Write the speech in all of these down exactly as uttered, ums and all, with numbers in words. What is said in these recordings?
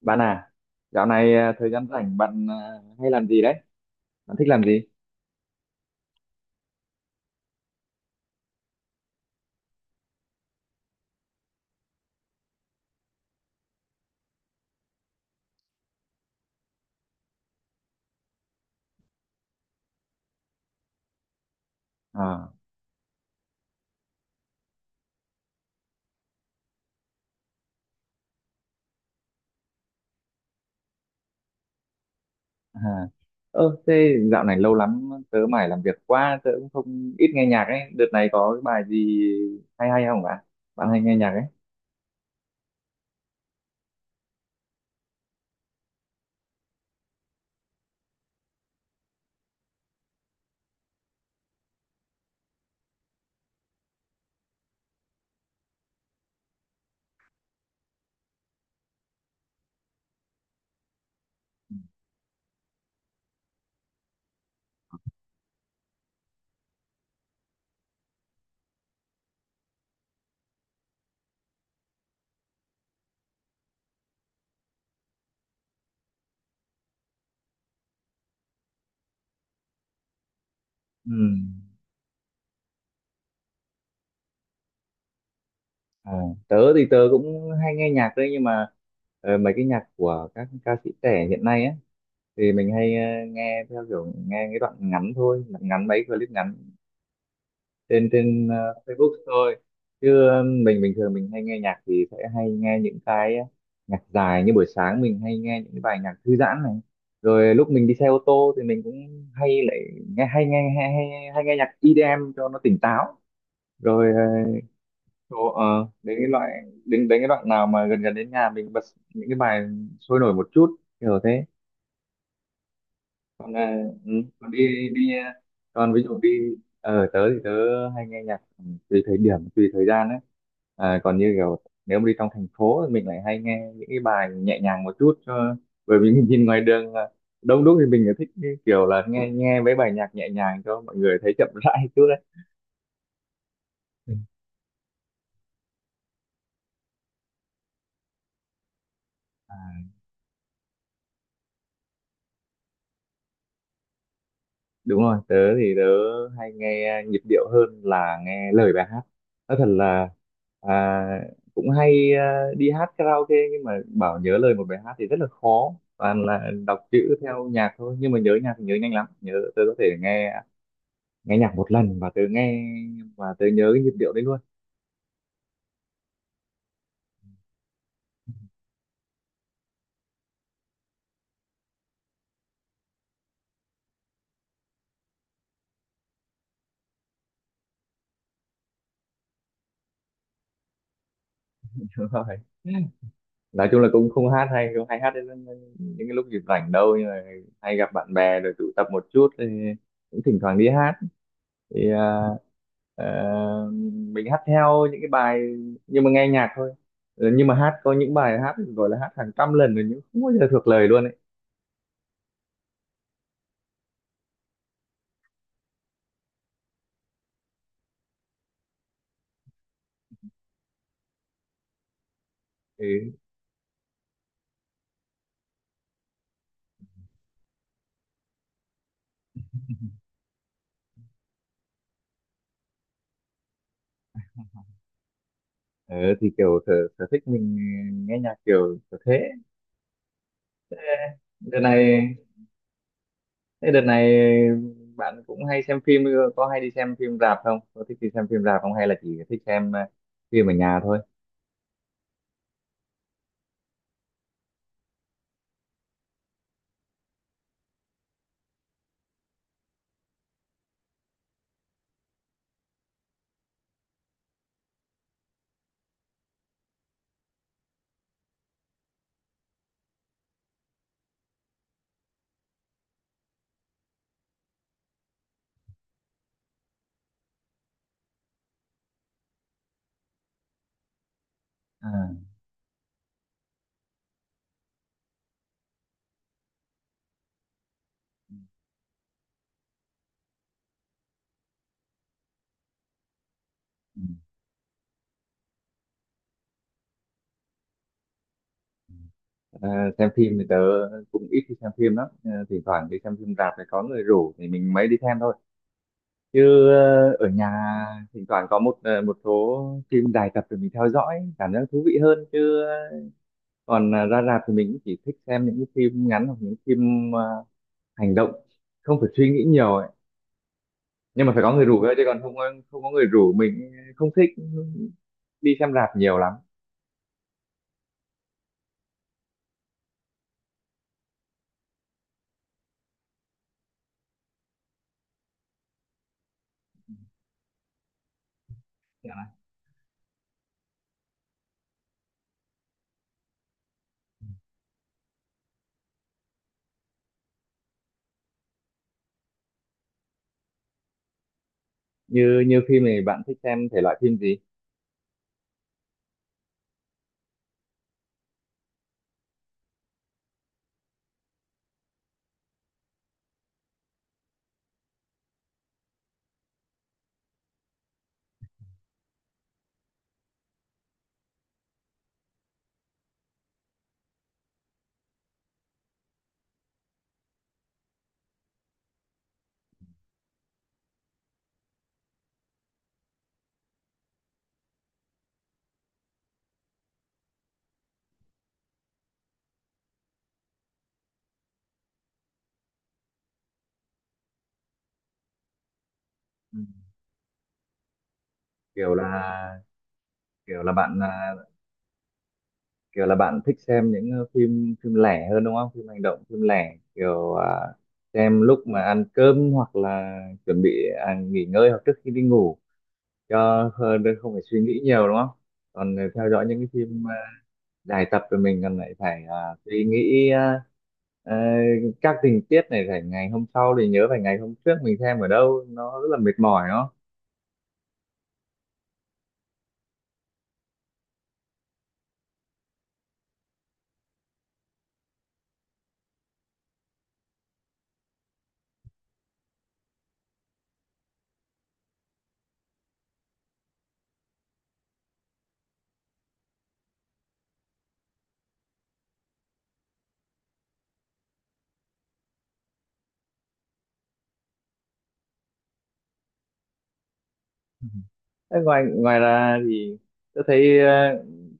Bạn à, dạo này à, thời gian rảnh bạn à, hay làm gì đấy? Bạn thích làm gì? À, à. Ơ, thế dạo này lâu lắm tớ mải làm việc quá, tớ cũng không ít nghe nhạc ấy. Đợt này có cái bài gì hay hay không bạn? Bạn hay nghe nhạc ấy? Ừ. À, tớ thì tớ cũng hay nghe nhạc đấy, nhưng mà ờ, mấy cái nhạc của các ca sĩ trẻ hiện nay ấy thì mình hay ờ, nghe theo kiểu nghe cái đoạn ngắn thôi, ngắn mấy clip ngắn trên trên ờ, Facebook thôi, chứ ờ, mình bình thường mình hay nghe nhạc thì sẽ hay nghe những cái nhạc dài, như buổi sáng mình hay nghe những cái bài nhạc thư giãn này, rồi lúc mình đi xe ô tô thì mình cũng hay lại nghe hay nghe hay, hay, hay nghe nhạc e đê em cho nó tỉnh táo, rồi ờ, chỗ ờ, đến cái loại đến đến cái đoạn nào mà gần gần đến nhà mình bật những cái bài sôi nổi một chút kiểu thế. Còn à, ừ, còn đi đi à, còn ví dụ đi ở tớ thì tớ hay nghe nhạc ừ, tùy thời điểm tùy thời gian ấy, à, còn như kiểu nếu mà đi trong thành phố thì mình lại hay nghe những cái bài nhẹ nhàng một chút, cho bởi vì mình nhìn ngoài đường là đông đúc thì mình lại thích cái kiểu là nghe nghe mấy bài nhạc nhẹ nhàng cho mọi người thấy chậm rãi chút đấy. Ừ. Đúng rồi, tớ thì tớ hay nghe nhịp điệu hơn là nghe lời bài hát, nói thật là à, cũng hay à, đi hát karaoke nhưng mà bảo nhớ lời một bài hát thì rất là khó, toàn là đọc chữ theo nhạc thôi, nhưng mà nhớ nhạc thì nhớ nhanh lắm, nhớ tớ có thể nghe nghe nhạc một lần và tớ nghe và tớ nhớ cái nhịp điệu đấy luôn. Đúng rồi, nói chung là cũng không hát hay, không hay hát đến những cái lúc dịp rảnh đâu, nhưng mà hay gặp bạn bè rồi tụ tập một chút thì cũng thỉnh thoảng đi hát, thì à, à, mình hát theo những cái bài nhưng mà nghe nhạc thôi. Ừ, nhưng mà hát có những bài hát gọi là hát hàng trăm lần rồi nhưng không bao giờ thuộc lời luôn ấy. Ừ. Ờ, thì kiểu sở, sở thích mình nghe nhạc kiểu kiểu thế. Thế đợt này thế đợt này bạn cũng hay xem phim ừ, có hay đi xem phim rạp không, có thích đi xem phim rạp không, hay là chỉ thích xem ờ, phim ở nhà thôi? À. Ừ, ừ. Ờ, xem phim thì tớ cũng ít đi xem phim lắm. Ờ, thỉnh thoảng đi xem phim rạp thì có người rủ thì mình mới đi xem thôi, chứ ờ, ở nhà thỉnh thoảng có một ờ, một số phim dài tập thì mình theo dõi cảm giác thú vị hơn, chứ ờ, còn ờ, ra rạp thì mình cũng chỉ thích xem những cái phim ngắn hoặc những phim ờ, hành động, không phải suy nghĩ nhiều ấy. Nhưng mà phải có người rủ thôi chứ còn không có- không có người rủ mình không thích đi xem rạp nhiều lắm. Như như phim này bạn thích xem thể loại phim gì? Ừ. Kiểu là kiểu là bạn à, kiểu là bạn thích xem những ờ, phim phim lẻ hơn đúng không, phim hành động phim lẻ kiểu à, xem lúc mà ăn cơm hoặc là chuẩn bị à, nghỉ ngơi hoặc trước khi đi ngủ cho hơn, đừng không phải suy nghĩ nhiều đúng không? Còn ờ, theo dõi những cái phim ờ, dài tập thì mình còn lại phải à, suy nghĩ à, ờ, các tình tiết này, phải ngày hôm sau thì nhớ phải ngày hôm trước mình xem ở đâu, nó rất là mệt mỏi đó. Thế ngoài ngoài ra thì tôi thấy ờ,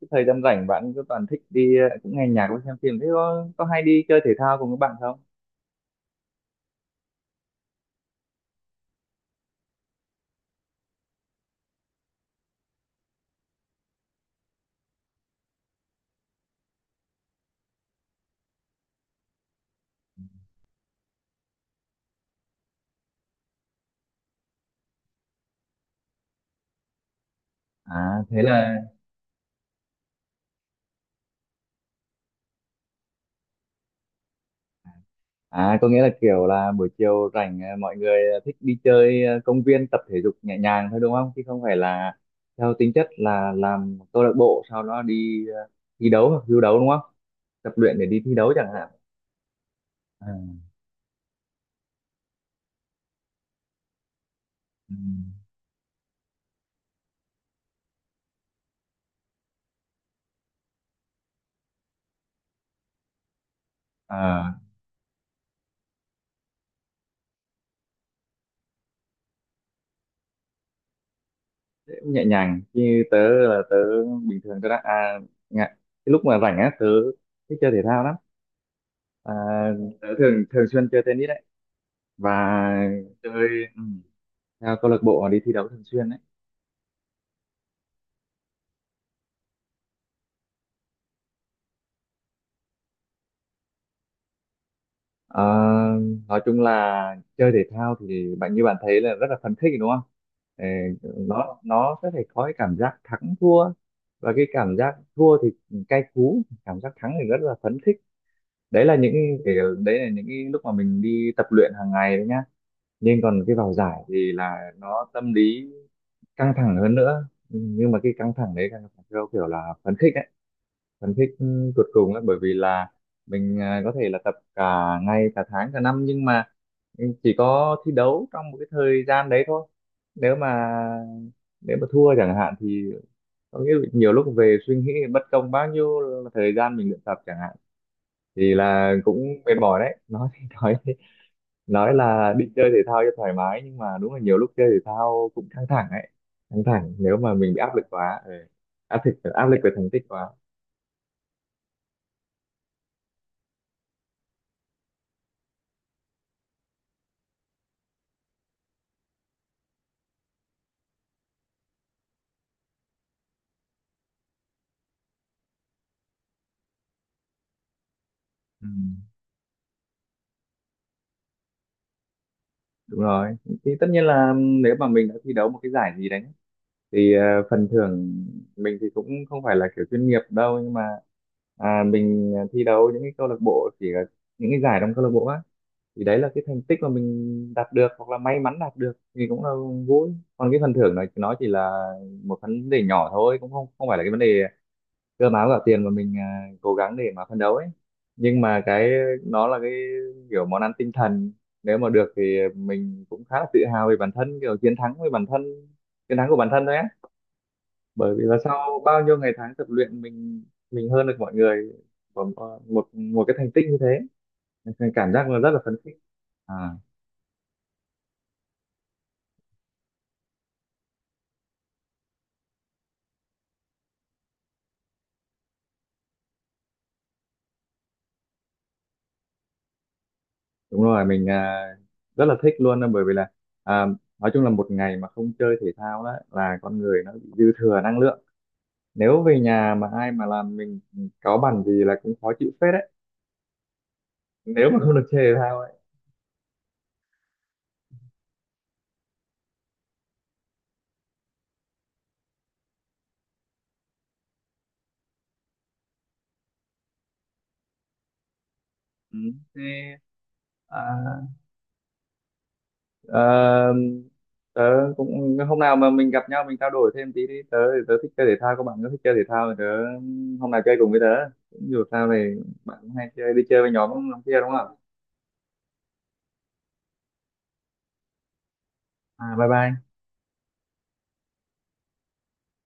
cái thời gian rảnh bạn cứ toàn thích đi ờ, cũng nghe nhạc với xem phim, thế có có hay đi chơi thể thao cùng các bạn không? À thế là à, có nghĩa là kiểu là buổi chiều rảnh ờ, mọi người ờ, thích đi chơi ờ, công viên tập thể dục nhẹ nhàng thôi đúng không, chứ không phải là theo tính chất là làm câu lạc bộ sau đó đi ờ, thi đấu hoặc du đấu đúng không, tập luyện để đi thi đấu chẳng hạn? À, ừ. Thế cũng nhẹ nhàng như tớ là tớ bình thường tớ đã à, ngại. Cái lúc mà rảnh á tớ thích chơi thể thao lắm, à, tớ thường thường xuyên chơi tennis đấy, và chơi ừ, theo câu lạc bộ đi thi đấu thường xuyên đấy. À, nói chung là chơi thể thao thì bạn như bạn thấy là rất là phấn khích đúng không? Ờ, nó nó sẽ phải có cái cảm giác thắng thua, và cái cảm giác thua thì cay cú, cảm giác thắng thì rất là phấn khích. Đấy là những cái, đấy là những cái lúc mà mình đi tập luyện hàng ngày đấy nhá, nhưng còn cái vào giải thì là nó tâm lý căng thẳng hơn nữa. Ừ, nhưng mà cái căng thẳng đấy căng thẳng theo kiểu là phấn khích đấy, phấn khích ừ, tột cùng ấy, bởi vì là mình à, có thể là tập cả ngày cả tháng cả năm, nhưng mà ừ, chỉ có thi đấu trong một cái thời gian đấy thôi, nếu mà nếu mà thua chẳng hạn thì có nghĩa là nhiều lúc về suy nghĩ bất công bao nhiêu là thời gian mình luyện tập chẳng hạn, thì là cũng mệt mỏi đấy, nói thì nói nói là đi chơi thể thao cho thoải mái nhưng mà đúng là nhiều lúc chơi thể thao cũng căng thẳng ấy, căng thẳng nếu mà mình bị áp lực quá. Ừ. Áp lực, áp lực về thành tích quá. Ừ. Đúng rồi, thì tất nhiên là nếu mà mình đã thi đấu một cái giải gì đấy thì ờ, phần thưởng, mình thì cũng không phải là kiểu chuyên nghiệp đâu, nhưng mà à, mình thi đấu những cái câu lạc bộ, chỉ là những cái giải trong câu lạc bộ á, thì đấy là cái thành tích mà mình đạt được hoặc là may mắn đạt được thì cũng là vui. Còn cái phần thưởng này nó chỉ là một vấn đề nhỏ thôi, cũng không không phải là cái vấn đề cơm áo gạo tiền mà mình à, cố gắng để mà phấn đấu ấy. Nhưng mà cái, nó là cái kiểu món ăn tinh thần, nếu mà được thì mình cũng khá là tự hào về bản thân, kiểu chiến thắng với bản thân, chiến thắng của bản thân thôi á, bởi vì là sau bao nhiêu ngày tháng tập luyện mình mình hơn được mọi người một một, một cái thành tích như thế. Nên cảm giác là rất là phấn khích. À đúng rồi, mình à, rất là thích luôn á, bởi vì là à, nói chung là một ngày mà không chơi thể thao đó là con người nó bị dư thừa năng lượng, nếu về nhà mà ai mà làm mình cáu bẳn gì là cũng khó chịu phết đấy, nếu mà không được chơi thể thao ấy. Ừ. Thế, à, Ờ, tớ cũng hôm nào mà mình gặp nhau mình trao đổi thêm tí đi, tớ thì tớ thích chơi thể thao, các bạn có thích chơi thể thao thì tớ hôm nào chơi cùng với tớ, cũng dù sao thì bạn cũng hay chơi đi chơi với nhóm lắm kia đúng không? À bye bye.